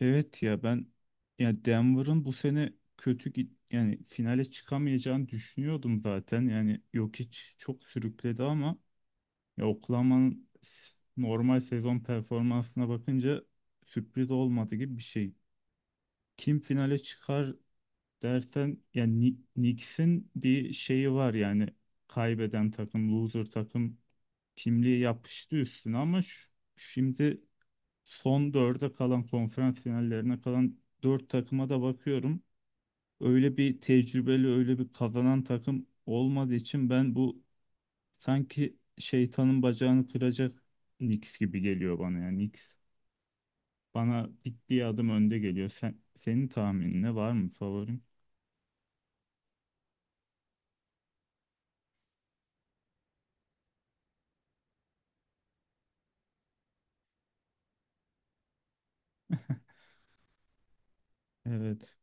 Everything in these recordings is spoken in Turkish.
Evet ya ben ya Denver'ın bu sene kötü yani finale çıkamayacağını düşünüyordum zaten. Yani Jokic çok sürükledi ama ya Oklahoma'nın normal sezon performansına bakınca sürpriz olmadı gibi bir şey. Kim finale çıkar dersen yani Knicks'in bir şeyi var yani kaybeden takım, loser takım kimliği yapıştı üstüne ama şimdi son dörde kalan, konferans finallerine kalan dört takıma da bakıyorum. Öyle bir tecrübeli, öyle bir kazanan takım olmadığı için ben bu sanki şeytanın bacağını kıracak Knicks gibi geliyor bana, yani Knicks. Bana bir adım önde geliyor. Senin tahminin ne, var mı favorin? Evet.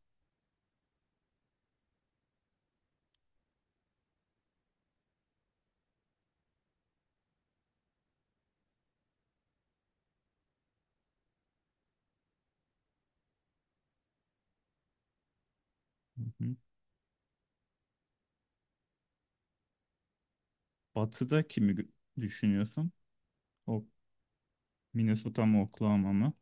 Hı hı. Batı'da kimi düşünüyorsun? O, Minnesota mı Oklahoma mı?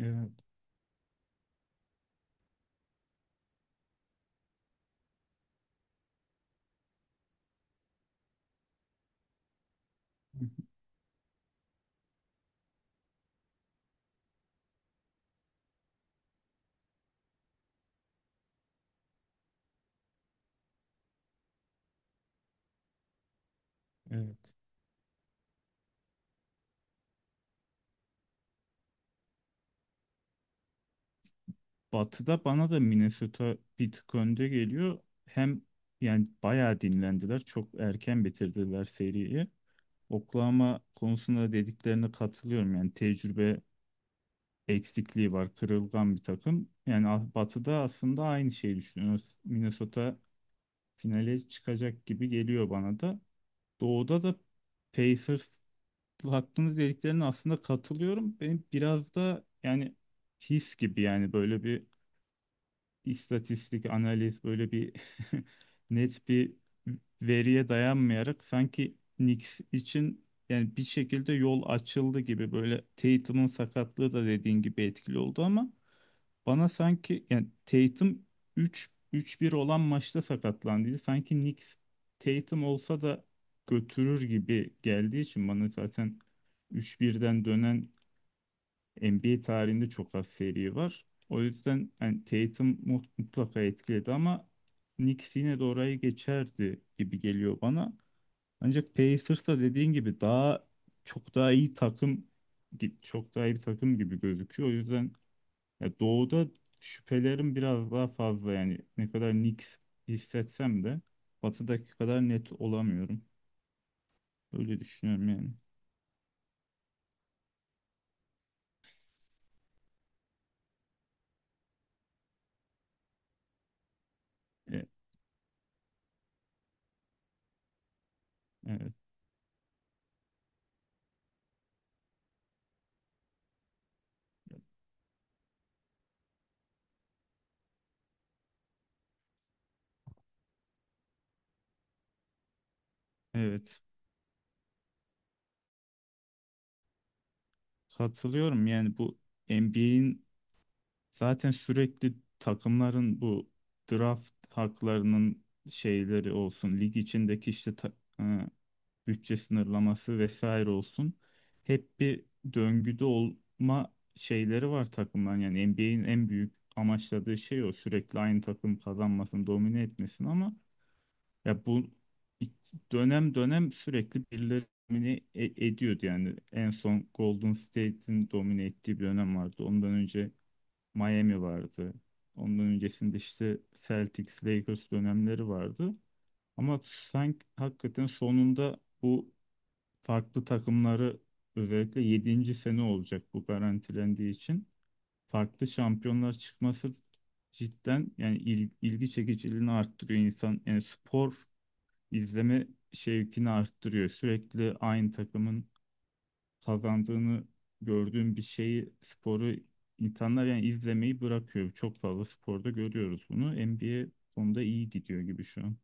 Evet. Hı hı. Evet. Batı'da bana da Minnesota bir tık önde geliyor. Hem yani bayağı dinlendiler. Çok erken bitirdiler seriyi. Oklahoma konusunda dediklerine katılıyorum. Yani tecrübe eksikliği var. Kırılgan bir takım. Yani Batı'da aslında aynı şeyi düşünüyoruz. Minnesota finale çıkacak gibi geliyor bana da. Doğu'da da Pacers hakkınız dediklerine aslında katılıyorum. Benim biraz da yani his gibi, yani böyle bir istatistik, analiz böyle bir net bir veriye dayanmayarak, sanki Knicks için yani bir şekilde yol açıldı gibi; böyle Tatum'un sakatlığı da dediğin gibi etkili oldu ama bana sanki, yani Tatum 3 3-1 olan maçta sakatlandıydı. Sanki Knicks Tatum olsa da götürür gibi geldiği için bana, zaten 3-1'den dönen NBA tarihinde çok az seri var. O yüzden yani mutlaka etkiledi ama Knicks yine de orayı geçerdi gibi geliyor bana. Ancak Pacers da dediğin gibi daha çok daha iyi takım gi- çok daha iyi bir takım gibi gözüküyor. O yüzden ya doğuda şüphelerim biraz daha fazla, yani ne kadar Knicks hissetsem de batıdaki kadar net olamıyorum. Öyle düşünüyorum yani. E, evet, evet. Katılıyorum yani, bu NBA'in. Zaten sürekli takımların bu draft haklarının şeyleri olsun, lig içindeki işte e, bütçe sınırlaması vesaire olsun. Hep bir döngüde olma şeyleri var takımların. Yani NBA'in en büyük amaçladığı şey o. Sürekli aynı takım kazanmasın, domine etmesin. Ama ya bu, dönem dönem sürekli birileri ediyordu yani. En son Golden State'in domine ettiği bir dönem vardı. Ondan önce Miami vardı. Ondan öncesinde işte Celtics, Lakers dönemleri vardı. Ama sanki hakikaten sonunda bu farklı takımları, özellikle 7. sene olacak, bu garantilendiği için farklı şampiyonlar çıkması cidden yani ilgi çekiciliğini arttırıyor. İnsan yani spor izleme şevkini arttırıyor. Sürekli aynı takımın kazandığını gördüğüm bir şeyi, sporu, insanlar yani izlemeyi bırakıyor. Çok fazla sporda görüyoruz bunu. NBA konuda iyi gidiyor gibi şu an.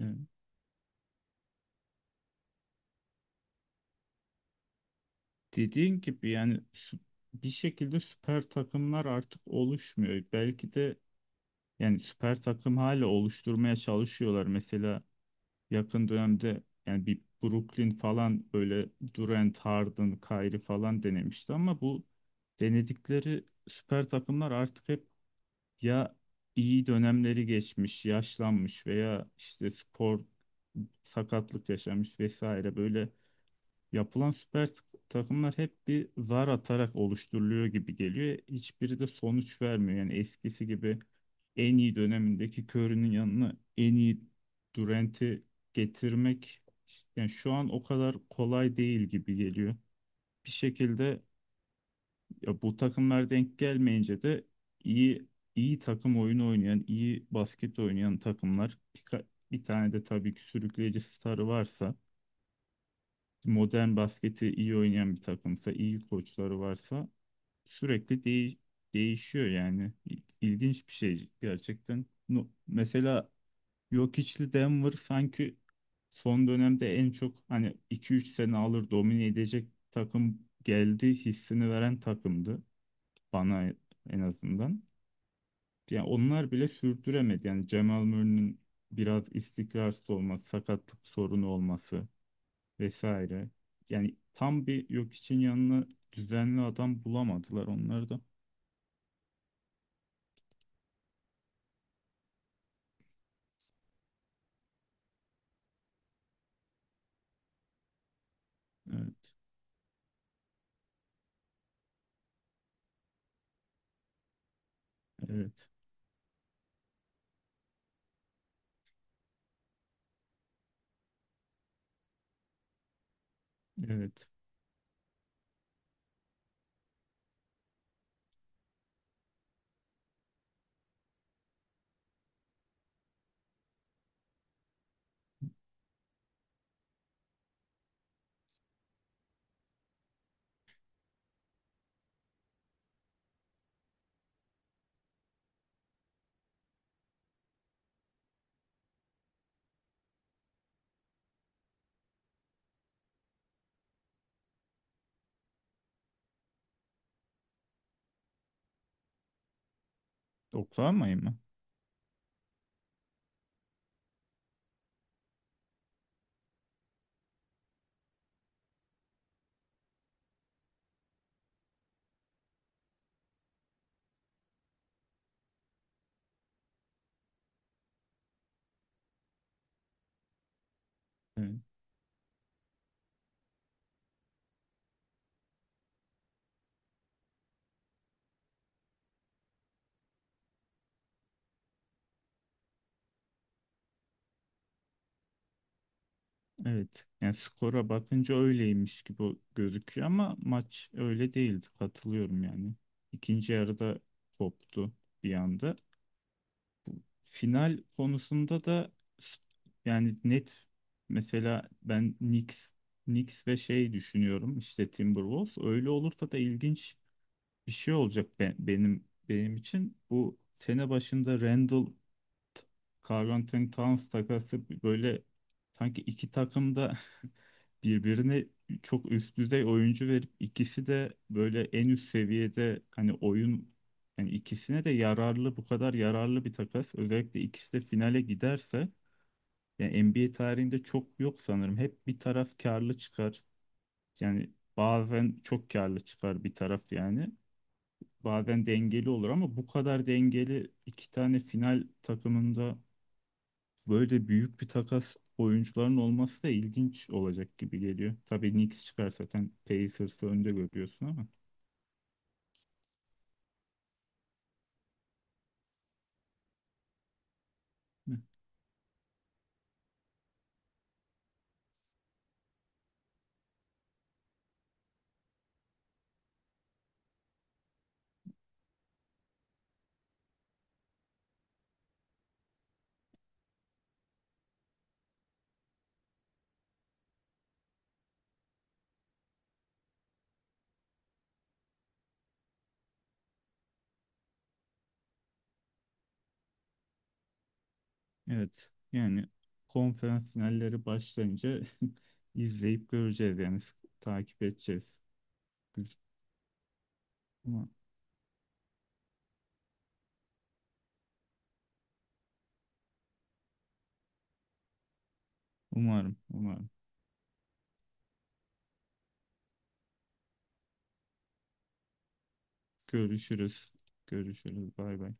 Evet. Dediğin gibi yani bir şekilde süper takımlar artık oluşmuyor. Belki de yani süper takım hala oluşturmaya çalışıyorlar. Mesela yakın dönemde yani bir Brooklyn falan, böyle Durant, Harden, Kyrie falan denemişti ama bu denedikleri süper takımlar artık hep ya iyi dönemleri geçmiş, yaşlanmış veya işte spor sakatlık yaşamış vesaire, böyle yapılan takımlar hep bir zar atarak oluşturuluyor gibi geliyor. Hiçbiri de sonuç vermiyor. Yani eskisi gibi en iyi dönemindeki Curry'nin yanına en iyi Durant'i getirmek yani, şu an o kadar kolay değil gibi geliyor. Bir şekilde ya bu takımlar denk gelmeyince de iyi iyi takım oyunu oynayan, iyi basket oynayan takımlar, bir tane de tabii ki sürükleyici starı varsa, modern basketi iyi oynayan bir takımsa, iyi koçları varsa sürekli değişiyor yani. İlginç bir şey gerçekten. Mesela Jokic'li Denver sanki son dönemde en çok, hani 2-3 sene alır domine edecek takım geldi hissini veren takımdı bana, en azından. Yani onlar bile sürdüremedi. Yani Jamal Murray'nin biraz istikrarsız olması, sakatlık sorunu olması vesaire. Yani tam bir yok için yanına düzenli adam bulamadılar onları da. Evet, evet. Evet. Oklahoma'yı mı? Evet, evet. Yani skora bakınca öyleymiş gibi gözüküyor ama maç öyle değildi. Katılıyorum yani. İkinci yarıda koptu bir anda. Final konusunda da s- yani net, mesela ben Knicks ve şey düşünüyorum, işte Timberwolves. Öyle olursa da ilginç bir şey olacak. Benim için bu sene başında Randall T- Karl-Anthony Towns takası, böyle sanki iki takım da birbirine çok üst düzey oyuncu verip ikisi de böyle en üst seviyede, hani oyun, yani ikisine de yararlı, bu kadar yararlı bir takas. Özellikle ikisi de finale giderse yani NBA tarihinde çok yok sanırım. Hep bir taraf karlı çıkar. Yani bazen çok karlı çıkar bir taraf yani. Bazen dengeli olur ama bu kadar dengeli iki tane final takımında böyle büyük bir takas, oyuncuların olması da ilginç olacak gibi geliyor. Tabii Knicks çıkar, zaten Pacers'ı önde görüyorsun ama. Hı. Evet yani konferans finalleri başlayınca izleyip göreceğiz yani, takip edeceğiz. Güz- ama umarım, umarım. Görüşürüz. Görüşürüz. Bay bay.